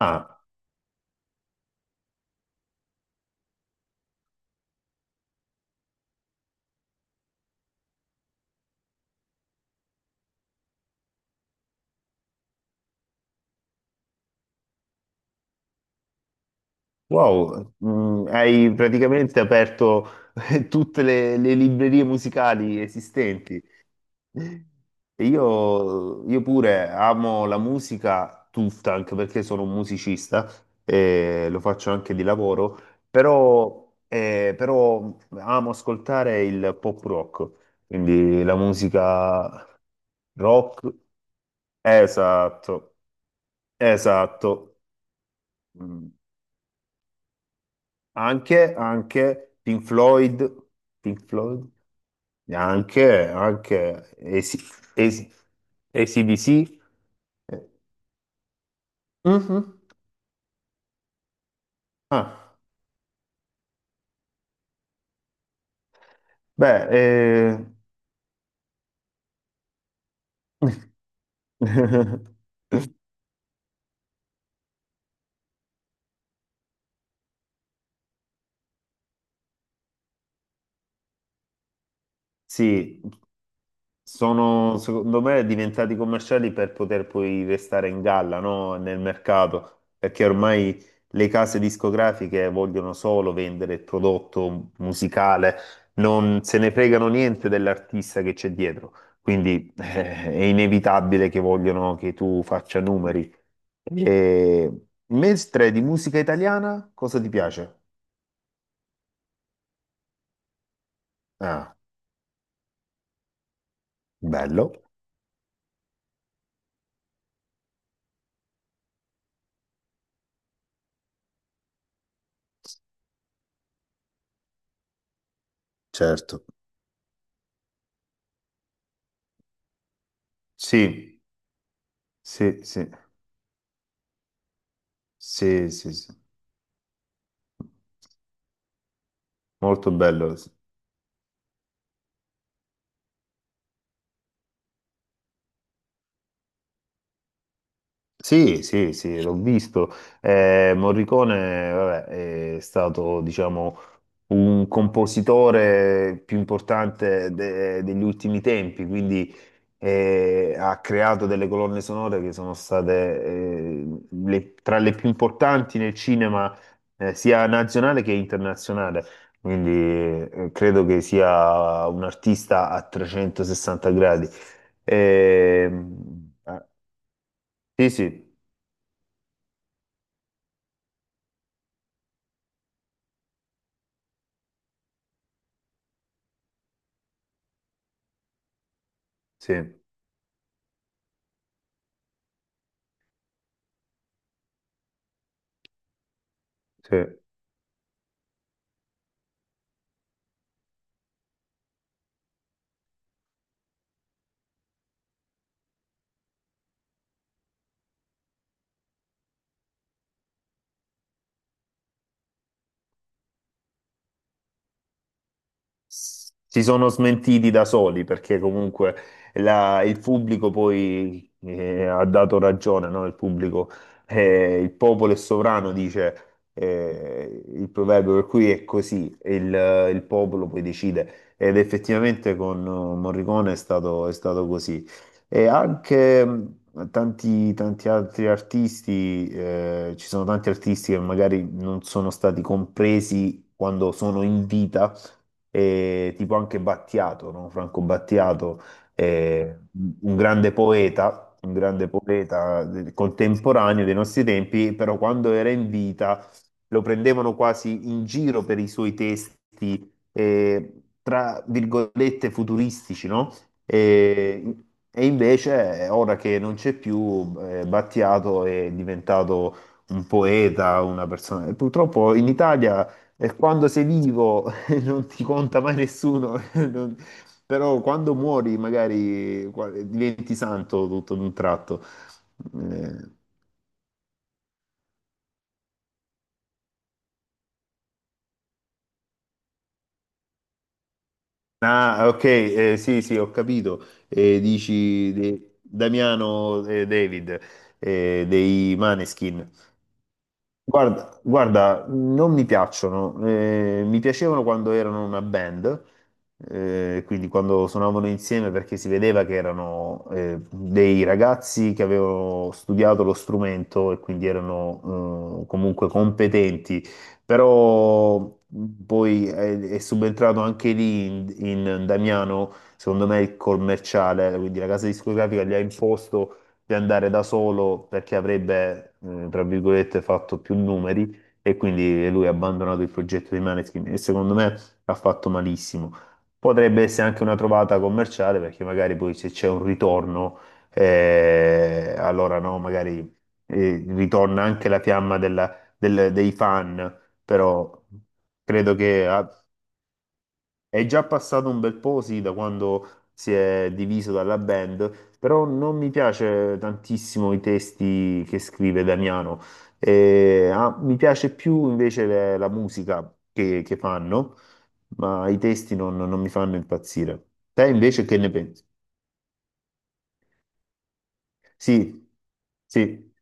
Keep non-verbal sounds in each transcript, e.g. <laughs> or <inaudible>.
Ah, wow. Hai praticamente aperto <laughs> tutte le librerie musicali esistenti. Io pure amo la musica tutta, anche perché sono un musicista e lo faccio anche di lavoro, però amo ascoltare il pop rock, quindi la musica rock. Esatto, esatto. Mm, anche Pink Floyd, Pink Floyd, anche AC, AC, AC/DC. Eh, mhm. Ah, beh, <laughs> sì, sono secondo me diventati commerciali per poter poi restare in galla, no? Nel mercato, perché ormai le case discografiche vogliono solo vendere il prodotto musicale, non se ne fregano niente dell'artista che c'è dietro. Quindi è inevitabile che vogliono che tu faccia numeri. E mentre di musica italiana, cosa ti piace? Ah, bello. Certo. Sì, sì, sì, sì, sì, sì. Molto bello. Sì. Sì, sì, sì, l'ho visto. Morricone, vabbè, è stato, diciamo, un compositore più importante degli ultimi tempi, quindi ha creato delle colonne sonore che sono state tra le più importanti nel cinema, sia nazionale che internazionale. Quindi credo che sia un artista a 360 gradi. Ehm, ah, sì, sì. Sì, sì. Si sono smentiti da soli perché comunque il pubblico poi ha dato ragione, no? Il pubblico, il popolo è sovrano, dice il proverbio, per cui è così, il popolo poi decide ed effettivamente con Morricone è stato così. E anche tanti altri artisti, ci sono tanti artisti che magari non sono stati compresi quando sono in vita e tipo anche Battiato, no? Franco Battiato, eh, un grande poeta contemporaneo dei nostri tempi, però quando era in vita lo prendevano quasi in giro per i suoi testi, tra virgolette, futuristici, no? E, e invece, ora che non c'è più, Battiato è diventato un poeta, una persona. E purtroppo in Italia, quando sei vivo, non ti conta mai nessuno, <laughs> però quando muori magari diventi santo tutto d'un tratto. Eh, ok, sì, sì, ho capito. Dici Damiano David dei Maneskin. Guarda, guarda, non mi piacciono, mi piacevano quando erano una band, quindi quando suonavano insieme perché si vedeva che erano dei ragazzi che avevano studiato lo strumento e quindi erano comunque competenti, però poi è subentrato anche lì in Damiano, secondo me il commerciale, quindi la casa discografica gli ha imposto di andare da solo perché avrebbe, tra virgolette, fatto più numeri e quindi lui ha abbandonato il progetto di Maneskin e secondo me ha fatto malissimo. Potrebbe essere anche una trovata commerciale perché magari poi se c'è un ritorno, allora no, magari ritorna anche la fiamma dei fan, però credo che è già passato un bel po', sì, da quando si è diviso dalla band, però non mi piace tantissimo i testi che scrive Damiano. Mi piace più invece la musica che fanno, ma i testi non mi fanno impazzire. Te invece che ne pensi? Sì, sì.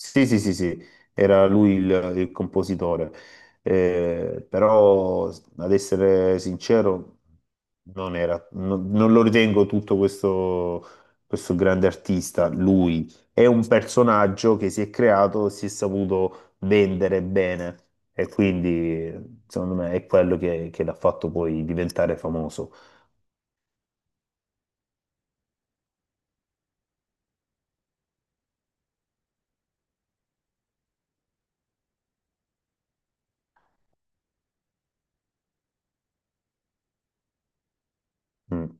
Sì, sì, sì, sì, era lui il compositore. Però ad essere sincero non era, non, non lo ritengo tutto questo grande artista, lui è un personaggio che si è creato, si è saputo vendere bene e quindi secondo me è quello che l'ha fatto poi diventare famoso. Mm,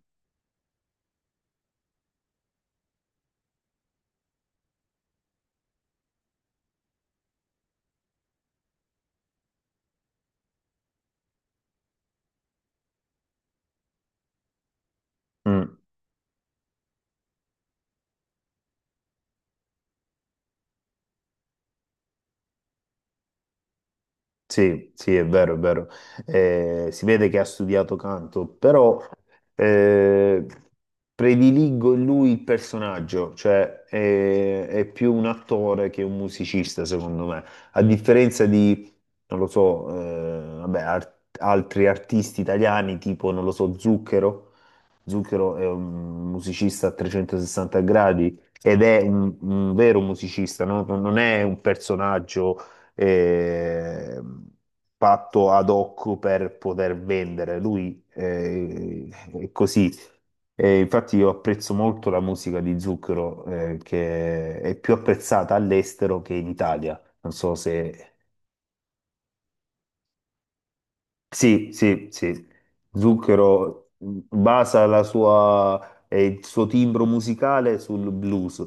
mm. Sì, sì, è vero, è vero. Si vede che ha studiato canto, però eh, prediligo in lui il personaggio, cioè è più un attore che un musicista, secondo me. A differenza di, non lo so, vabbè, altri artisti italiani, tipo, non lo so, Zucchero. Zucchero è un musicista a 360 gradi ed è un vero musicista, no? Non è un personaggio eh, fatto ad hoc per poter vendere. Lui è così. E infatti io apprezzo molto la musica di Zucchero, che è più apprezzata all'estero che in Italia. Non so se sì, sì, sì. Zucchero basa la sua, il suo timbro musicale sul blues,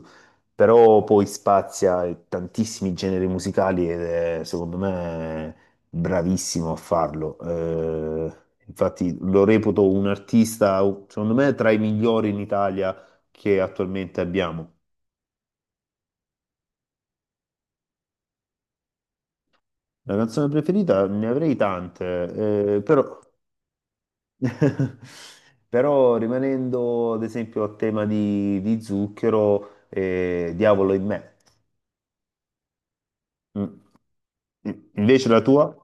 però poi spazia tantissimi generi musicali ed è, secondo me, bravissimo a farlo. Infatti lo reputo un artista, secondo me, tra i migliori in Italia che attualmente abbiamo. La canzone preferita ne avrei tante, però <laughs> però rimanendo ad esempio a tema di zucchero, diavolo in me. Mm. Invece la tua?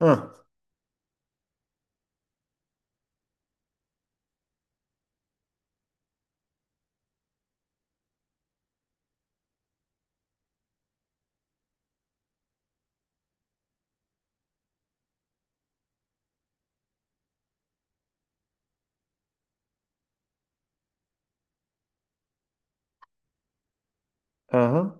Ah, ah,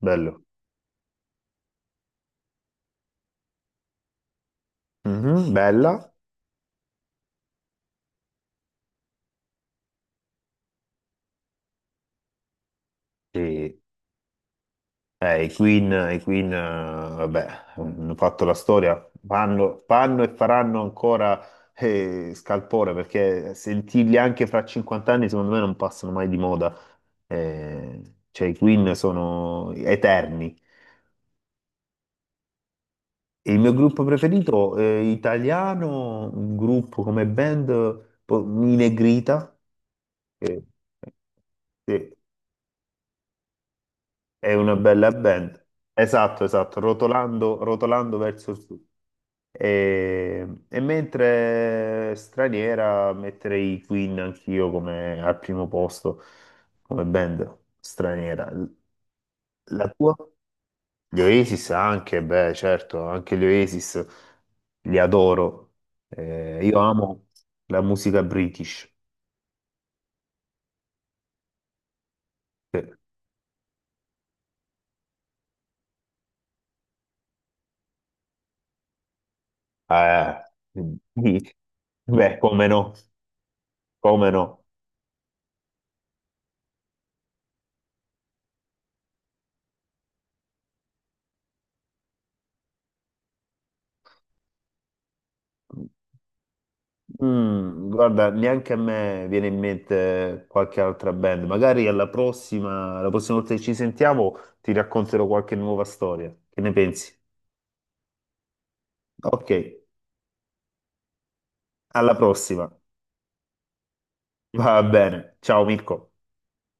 bello. Mhm, bella. E, i Queen, vabbè, hanno fatto la storia, fanno, fanno e faranno ancora scalpore perché sentirli anche fra 50 anni secondo me non passano mai di moda. Eh, cioè i Queen sono eterni. Il mio gruppo preferito italiano, un gruppo come band, i Negrita, che che è una bella band. Esatto, esatto, rotolando, rotolando verso il sud. E mentre straniera metterei i Queen anch'io come al primo posto come band straniera. La tua? Gli Oasis anche, beh, certo, anche gli Oasis li adoro. Io amo la musica british. Eh, sì. Beh, come no, come no. Guarda, neanche a me viene in mente qualche altra band. Magari alla prossima, la prossima volta che ci sentiamo ti racconterò qualche nuova storia. Che ne pensi? Ok, alla prossima. Va bene. Ciao Mirko.